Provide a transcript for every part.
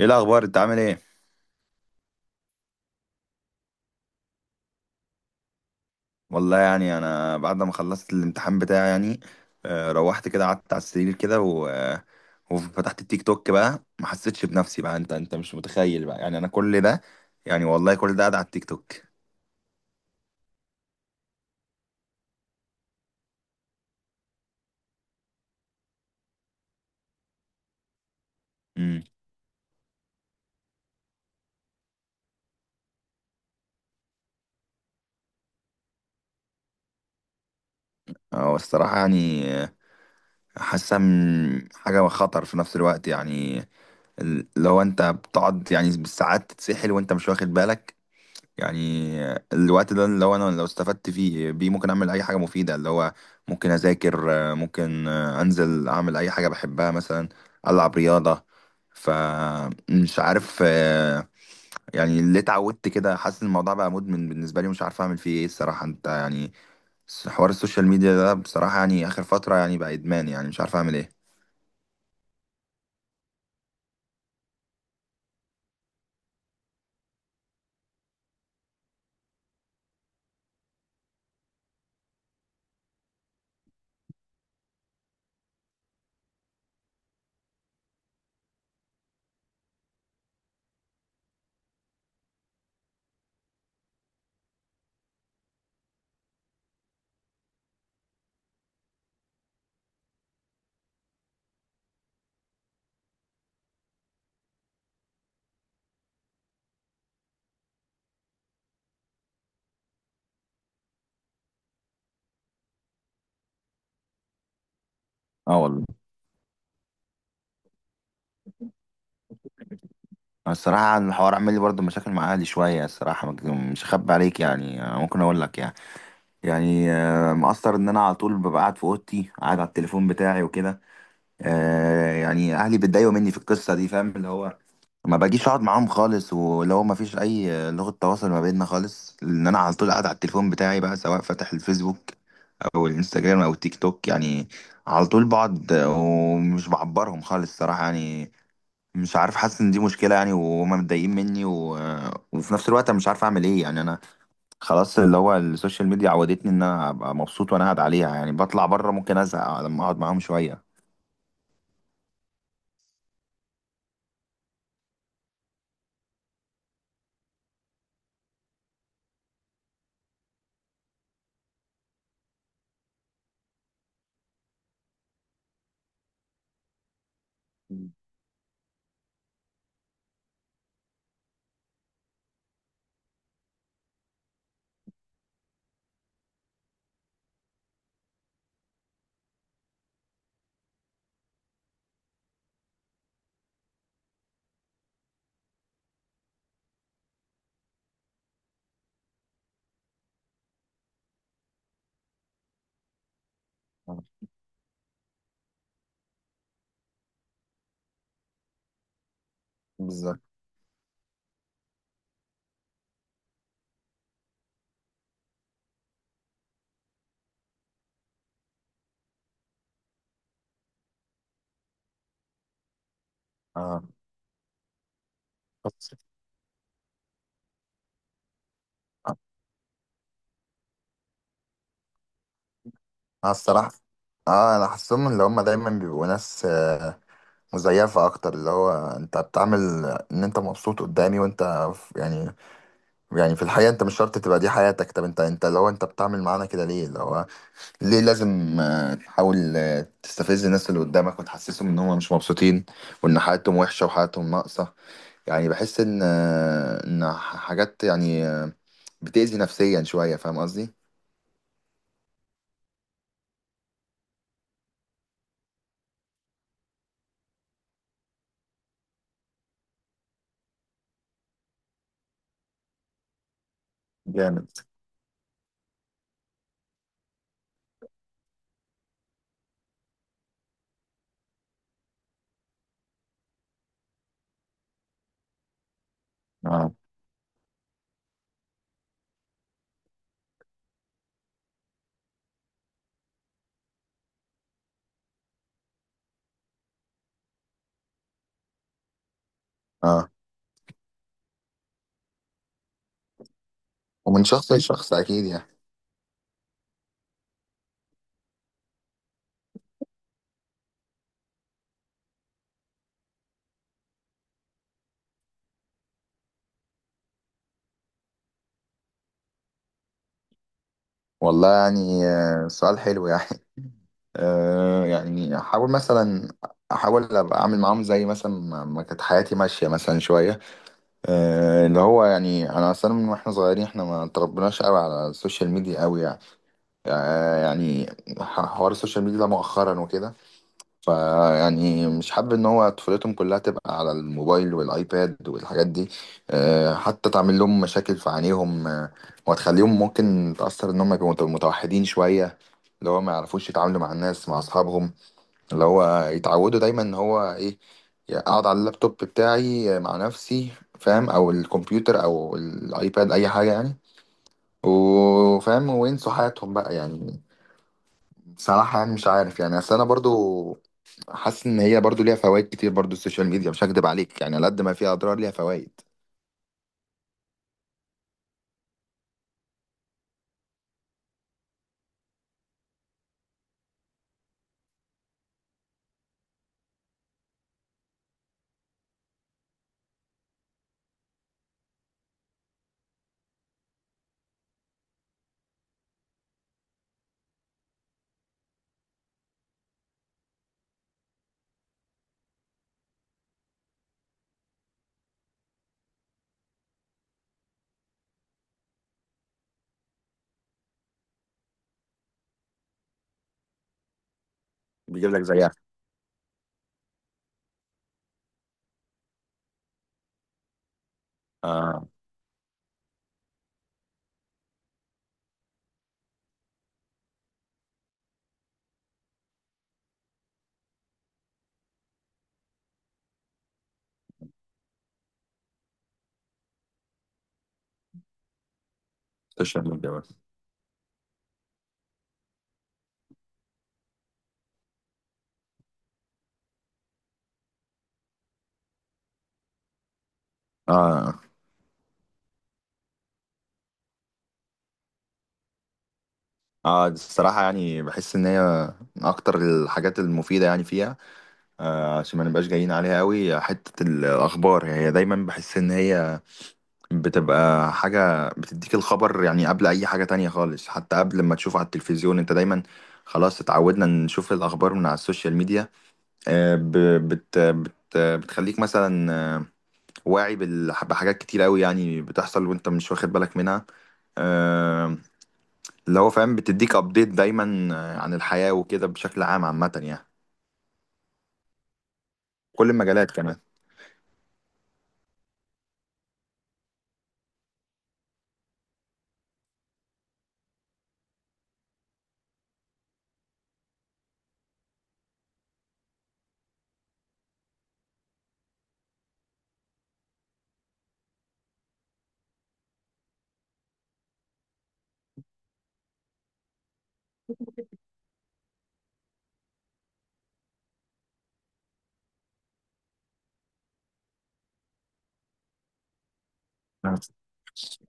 ايه الاخبار؟ انت عامل ايه؟ والله يعني انا بعد ما خلصت الامتحان بتاعي يعني روحت كده قعدت على السرير كده و... آه، وفتحت التيك توك بقى، ما حسيتش بنفسي بقى. انت مش متخيل بقى يعني انا كل ده، يعني والله كل ده قاعد على التيك توك. امم هو الصراحه يعني حاسه حاجه خطر في نفس الوقت يعني. لو انت بتقعد يعني بالساعات تتسحل وانت مش واخد بالك يعني. الوقت ده اللي هو انا لو استفدت فيه بيه ممكن اعمل اي حاجه مفيده، اللي هو ممكن اذاكر، ممكن انزل اعمل اي حاجه بحبها مثلا، العب رياضه. فمش عارف، يعني اللي اتعودت كده، حاسس إن الموضوع بقى مدمن بالنسبه لي، مش عارف اعمل فيه ايه الصراحه. انت يعني حوار السوشيال ميديا ده بصراحه يعني اخر فتره يعني بقى ادمان، يعني مش عارف اعمل ايه. اه والله. الصراحه الحوار عامل لي برضه مشاكل مع اهلي شويه الصراحه، مش هخبي عليك يعني، ممكن اقول لك يعني. يعني مقصر ان انا على طول ببقى قاعد في اوضتي، قاعد على التليفون بتاعي وكده. يعني اهلي بيتضايقوا مني في القصه دي، فاهم؟ اللي هو ما باجيش اقعد معاهم خالص، ولو ما فيش اي لغه تواصل ما بيننا خالص، لان انا على طول قاعد على التليفون بتاعي بقى، سواء فاتح الفيسبوك او الانستجرام او التيك توك يعني. على طول بقعد ومش بعبرهم خالص صراحه يعني. مش عارف، حاسس ان دي مشكله يعني، وهما متضايقين مني و... آه، وفي نفس الوقت انا مش عارف اعمل ايه يعني. انا خلاص اللي هو السوشيال ميديا عودتني ان انا ابقى مبسوط وانا قاعد عليها، يعني بطلع بره ممكن ازهق لما اقعد معاهم شويه. آه، بالظبط. اه بس. اه الصراحة، اه انا حاسسهم اللي هم دايما بيبقوا ناس مزيفة اكتر، اللي هو انت بتعمل ان انت مبسوط قدامي وانت يعني، يعني في الحقيقة انت مش شرط تبقى دي حياتك. طب انت اللي هو انت بتعمل معانا كده ليه؟ اللي هو ليه لازم تحاول تستفز الناس اللي قدامك وتحسسهم ان هم مش مبسوطين، وان حياتهم وحشة وحياتهم ناقصة؟ يعني بحس ان ان حاجات بتأذي نفسيا شوية، فاهم قصدي؟ جامد. اه. اه، ومن شخص لشخص اكيد يعني. والله يعني سؤال حلو يعني. آه يعني احاول مثلا، احاول ابقى اعمل معاهم زي مثلا ما كانت حياتي ماشية مثلا شوية. اللي هو يعني انا اصلا من واحنا صغيرين احنا ما اتربناش قوي على السوشيال ميديا قوي يعني. آه، يعني حوار السوشيال ميديا ده مؤخرا وكده. فيعني مش حابب ان هو طفولتهم كلها تبقى على الموبايل والايباد والحاجات دي. حتى تعمل لهم مشاكل في عينيهم. وهتخليهم ممكن تأثر ان هم يبقوا متوحدين شوية، اللي هو ما يعرفوش يتعاملوا مع الناس مع اصحابهم. اللي هو يتعودوا دايما ان هو ايه، اقعد على اللابتوب بتاعي مع نفسي، فاهم؟ او الكمبيوتر او الايباد اي حاجه يعني، وفاهم، وينسوا حياتهم بقى يعني. بصراحه يعني مش عارف يعني، اصل انا برضو حاسس ان هي برضو ليها فوائد كتير برضو السوشيال ميديا، مش هكدب عليك يعني، على قد ما فيها اضرار ليها فوائد. بيجيب لك زيها. اه. السوشيال ميديا بس. اه، اه الصراحه يعني بحس ان هي من اكتر الحاجات المفيده يعني فيها عشان ما نبقاش جايين عليها قوي، حتة الأخبار يعني هي دايما بحس إن هي بتبقى حاجة بتديك الخبر يعني قبل أي حاجة تانية خالص، حتى قبل ما تشوفه على التلفزيون. أنت دايما خلاص اتعودنا نشوف الأخبار من على السوشيال ميديا. آه، ب- بت بت بتخليك مثلا واعي بحاجات كتير قوي يعني بتحصل وأنت مش واخد بالك منها. آه، اللي هو فاهم، بتديك أبديت دايما عن الحياة وكده بشكل عام عامة يعني. كل المجالات كمان.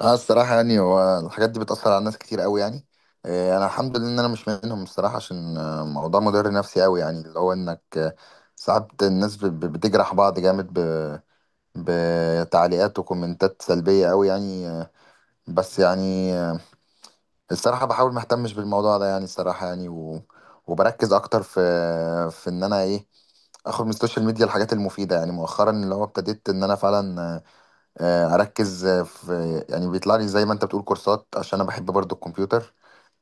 اه الصراحة يعني هو الحاجات دي بتأثر على ناس كتير قوي يعني. أنا الحمد لله إن أنا مش منهم الصراحة، عشان موضوع مضر نفسي قوي يعني، اللي هو إنك ساعات الناس بتجرح بعض جامد بتعليقات وكومنتات سلبية قوي يعني. آه، بس يعني آه، الصراحة بحاول ما اهتمش بالموضوع ده يعني الصراحة يعني، وبركز أكتر في، في إن أنا إيه، آخد من السوشيال ميديا الحاجات المفيدة يعني. مؤخرا اللي هو ابتديت إن أنا فعلا اركز في، يعني بيطلع لي زي ما انت بتقول كورسات، عشان انا بحب برضو الكمبيوتر.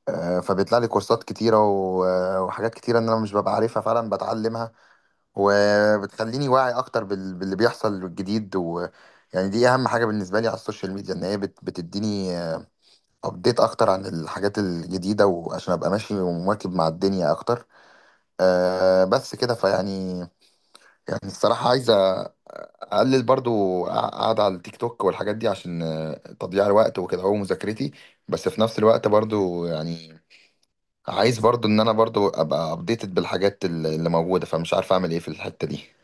فبيطلع لي كورسات كتيرة وحاجات كتيرة ان انا مش ببقى عارفها، فعلا بتعلمها وبتخليني واعي اكتر باللي بيحصل الجديد. و يعني دي اهم حاجة بالنسبة لي على السوشيال ميديا، ان هي بتديني ابديت اكتر عن الحاجات الجديدة، وعشان ابقى ماشي ومواكب مع الدنيا اكتر. بس كده. فيعني يعني الصراحة عايز اقلل برضو قاعد على التيك توك والحاجات دي، عشان تضييع الوقت وكده، هو مذاكرتي. بس في نفس الوقت برضو يعني عايز برضو ان انا برضو ابقى ابديتد بالحاجات اللي موجودة، فمش عارف اعمل ايه في الحتة دي.